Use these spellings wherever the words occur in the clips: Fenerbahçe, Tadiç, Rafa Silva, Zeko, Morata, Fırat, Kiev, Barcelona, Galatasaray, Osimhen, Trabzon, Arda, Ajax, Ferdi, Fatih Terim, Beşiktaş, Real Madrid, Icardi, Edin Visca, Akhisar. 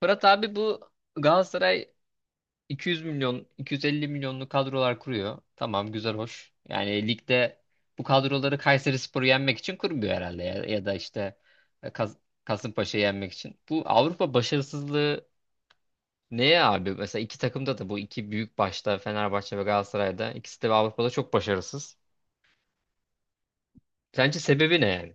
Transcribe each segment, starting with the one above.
Fırat abi, bu Galatasaray 200 milyon, 250 milyonlu kadrolar kuruyor. Tamam, güzel, hoş. Yani ligde bu kadroları Kayserispor'u yenmek için kurmuyor herhalde ya, ya da işte e, Kas Kasımpaşa'yı yenmek için. Bu Avrupa başarısızlığı neye abi? Mesela iki takımda da bu iki büyük, başta Fenerbahçe ve Galatasaray'da, ikisi de Avrupa'da çok başarısız. Sence sebebi ne yani?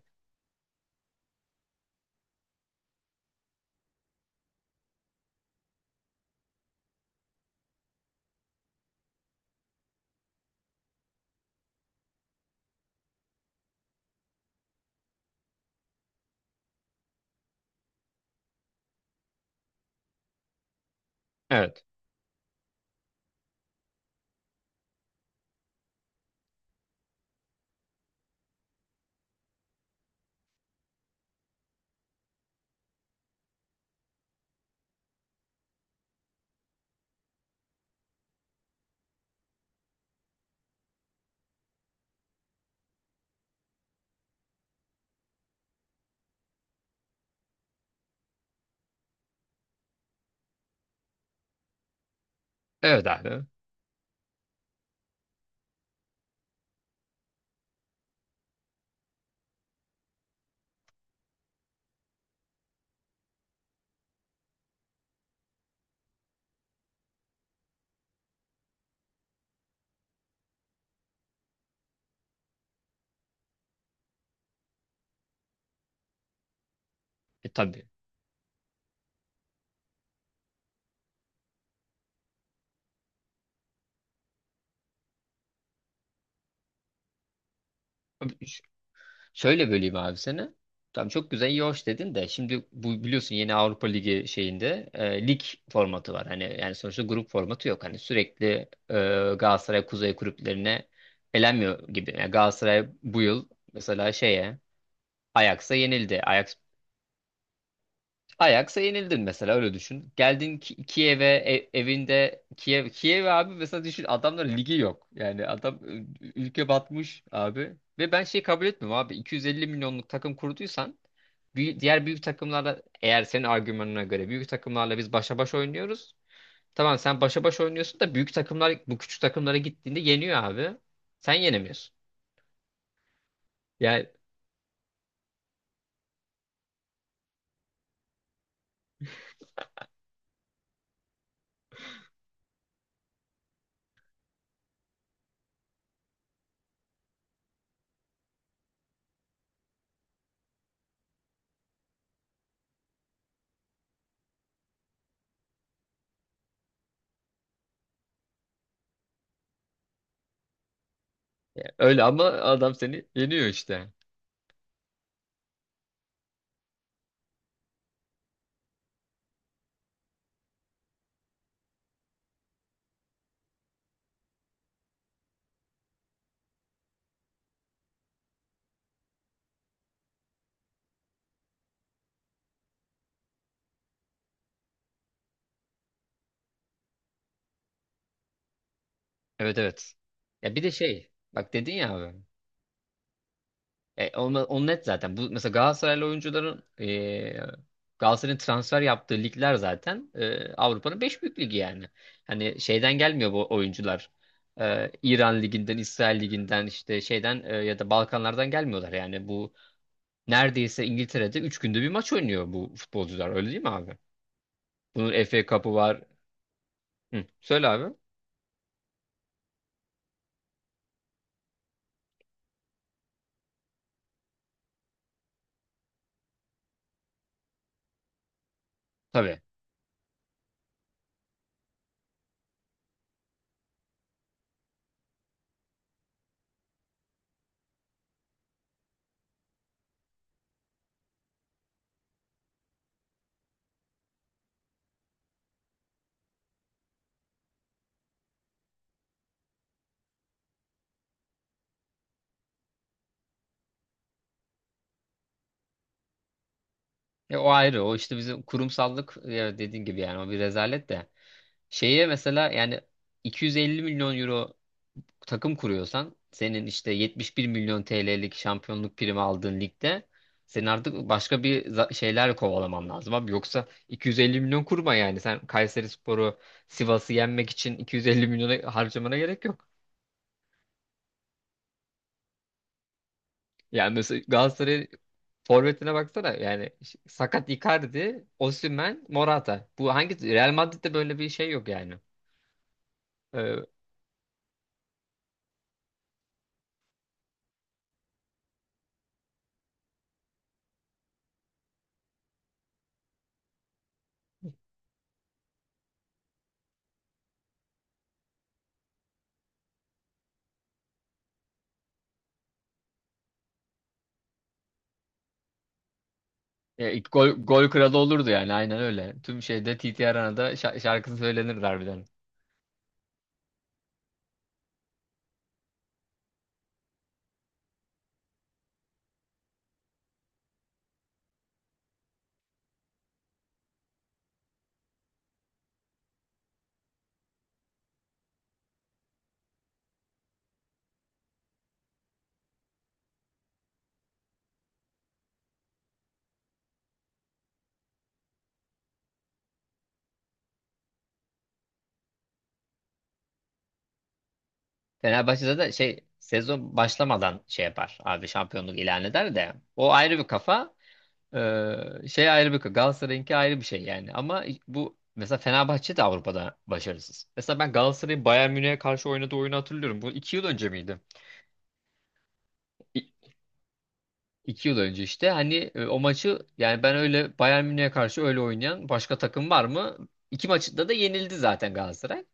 Evet. Evet abi. E tabii. Şöyle böleyim abi seni. Tamam, çok güzel, iyi hoş dedin de şimdi bu biliyorsun, yeni Avrupa Ligi şeyinde lig formatı var. Hani yani sonuçta grup formatı yok. Hani sürekli e, Galatasaray Kuzey kulüplerine elenmiyor gibi. Yani Galatasaray bu yıl mesela şeye Ajax'a yenildi. Ajax'a yenildin mesela, öyle düşün. Geldin Kiev'e, evinde Kiev abi, mesela düşün, adamların ligi yok. Yani adam ülke batmış abi. Ve ben şey kabul etmiyorum abi. 250 milyonluk takım kurduysan diğer büyük takımlarla, eğer senin argümanına göre büyük takımlarla biz başa baş oynuyoruz. Tamam, sen başa baş oynuyorsun da büyük takımlar bu küçük takımlara gittiğinde yeniyor abi. Sen yenemiyorsun. Yani öyle, ama adam seni yeniyor işte. Evet, evet. Ya bir de şey bak, dedin ya abi. Onu net zaten. Bu mesela Galatasaraylı oyuncuların, Galatasaray'ın transfer yaptığı ligler zaten Avrupa'nın 5 büyük ligi yani. Hani şeyden gelmiyor bu oyuncular. İran liginden, İsrail liginden, işte şeyden, ya da Balkanlardan gelmiyorlar yani. Bu neredeyse İngiltere'de 3 günde bir maç oynuyor bu futbolcular. Öyle değil mi abi? Bunun FA Cup'ı var. Hı, söyle abi. Tabii. O ayrı. O işte bizim kurumsallık, dediğin gibi yani, o bir rezalet de. Şeye mesela, yani 250 milyon euro takım kuruyorsan senin işte 71 milyon TL'lik şampiyonluk primi aldığın ligde senin artık başka bir şeyler kovalaman lazım abi. Yoksa 250 milyon kurma yani. Sen Kayserispor'u, Sivas'ı yenmek için 250 milyona harcamana gerek yok. Yani mesela Galatasaray forvetine baksana. Yani, sakat Icardi, Osimhen, Morata. Bu hangi, Real Madrid'de böyle bir şey yok yani. Ee, gol kralı olurdu yani, aynen öyle. Tüm şeyde TT Arena'da şarkısı söylenirdi harbiden. Fenerbahçe'de de şey, sezon başlamadan şey yapar. Abi, şampiyonluk ilan eder de. O ayrı bir kafa. Şey ayrı bir kafa. Galatasaray'ınki ayrı bir şey yani. Ama bu mesela Fenerbahçe de Avrupa'da başarısız. Mesela ben Galatasaray'ın Bayern Münih'e karşı oynadığı oyunu hatırlıyorum. Bu 2 yıl önce miydi? İ- 2 yıl önce işte. Hani o maçı, yani ben öyle Bayern Münih'e karşı öyle oynayan başka takım var mı? İki maçta da yenildi zaten Galatasaray.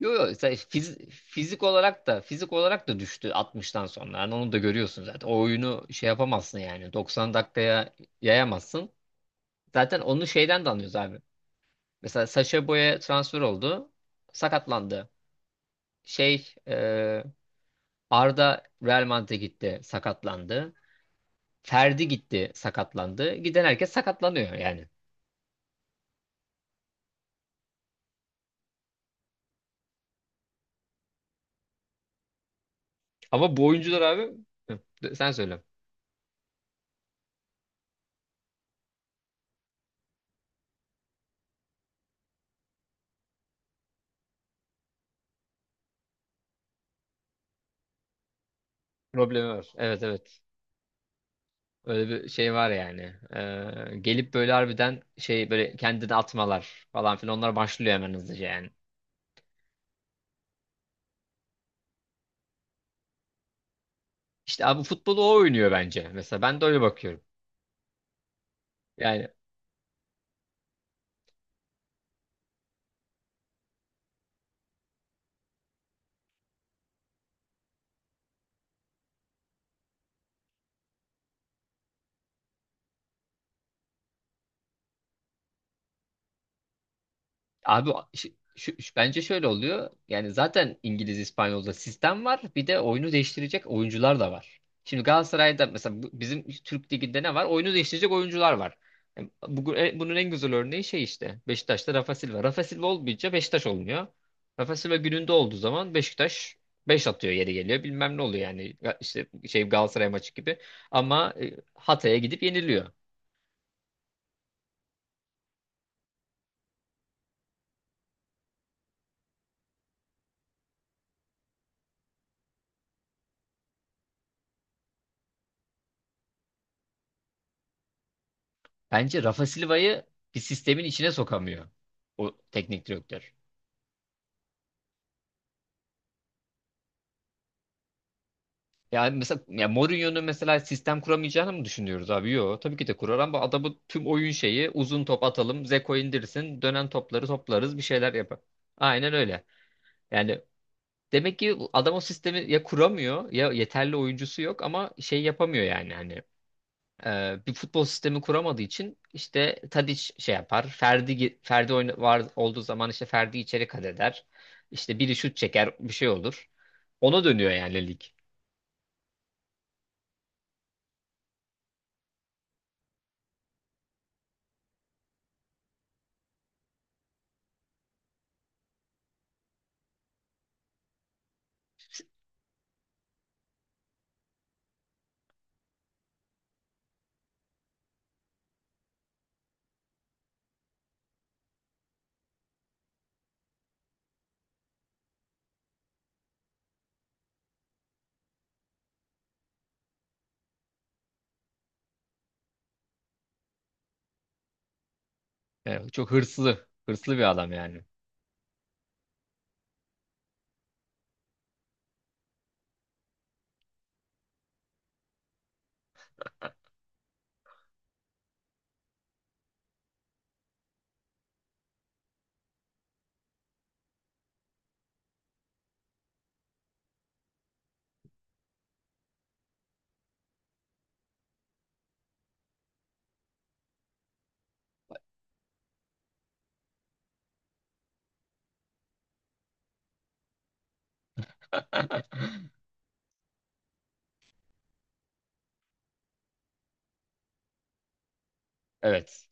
Yo, yo, sen fizik olarak da, düştü 60'tan sonra. Yani onu da görüyorsun zaten. O oyunu şey yapamazsın yani, 90 dakikaya yayamazsın. Zaten onu şeyden de anlıyoruz abi. Mesela Sacha Boey'e transfer oldu. Sakatlandı. Şey, Arda Real Madrid'e gitti. Sakatlandı. Ferdi gitti. Sakatlandı. Giden herkes sakatlanıyor yani. Ama bu oyuncular abi. Hı, sen söyle. Problemi var. Evet, evet. Öyle bir şey var yani. Gelip böyle harbiden şey, böyle kendini atmalar falan filan, onlar başlıyor hemen hızlıca yani. İşte abi, futbolu o oynuyor bence. Mesela ben de öyle bakıyorum. Yani abi, bence şöyle oluyor. Yani zaten İngiliz, İspanyol'da sistem var. Bir de oyunu değiştirecek oyuncular da var. Şimdi Galatasaray'da mesela, bizim Türk Ligi'nde ne var? Oyunu değiştirecek oyuncular var. Yani bunun en güzel örneği şey işte, Beşiktaş'ta Rafa Silva. Rafa Silva olmayınca Beşiktaş olmuyor. Rafa Silva gününde olduğu zaman Beşiktaş 5 atıyor yeri geliyor. Bilmem ne oluyor yani. Ya, İşte şey, Galatasaray maçı gibi. Ama Hatay'a gidip yeniliyor. Bence Rafa Silva'yı bir sistemin içine sokamıyor o teknik direktör. Yani mesela, ya Mourinho'nun mesela sistem kuramayacağını mı düşünüyoruz abi? Yok. Tabii ki de kurar, ama adamın tüm oyun şeyi: uzun top atalım, Zeko indirsin, dönen topları toplarız, bir şeyler yapar. Aynen öyle. Yani demek ki adam o sistemi ya kuramıyor ya yeterli oyuncusu yok, ama şey yapamıyor yani, hani. Bir futbol sistemi kuramadığı için, işte Tadiç şey yapar. Ferdi oyna, var olduğu zaman işte Ferdi içeri kat eder. İşte biri şut çeker, bir şey olur. Ona dönüyor yani lig. Çok hırslı, bir adam yani. Evet.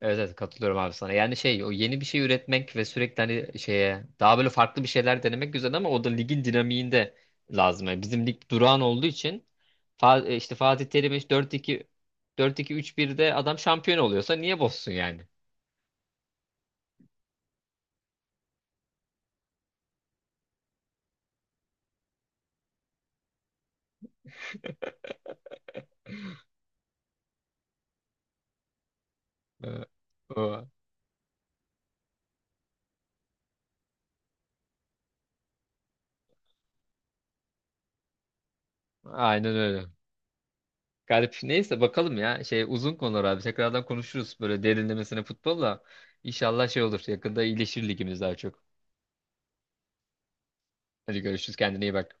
Evet, evet, katılıyorum abi sana. Yani şey, o yeni bir şey üretmek ve sürekli hani şeye daha böyle farklı bir şeyler denemek güzel, ama o da ligin dinamiğinde lazım. Yani bizim lig durağan olduğu için işte Fatih Terim işte 4-2-3-1'de adam şampiyon oluyorsa niye bozsun yani? Ee, o- Aynen öyle. Garip. Neyse, bakalım ya. Şey, uzun konular abi. Tekrardan konuşuruz böyle, derinlemesine futbolla. İnşallah şey olur, yakında iyileşir ligimiz daha çok. Hadi görüşürüz. Kendine iyi bak.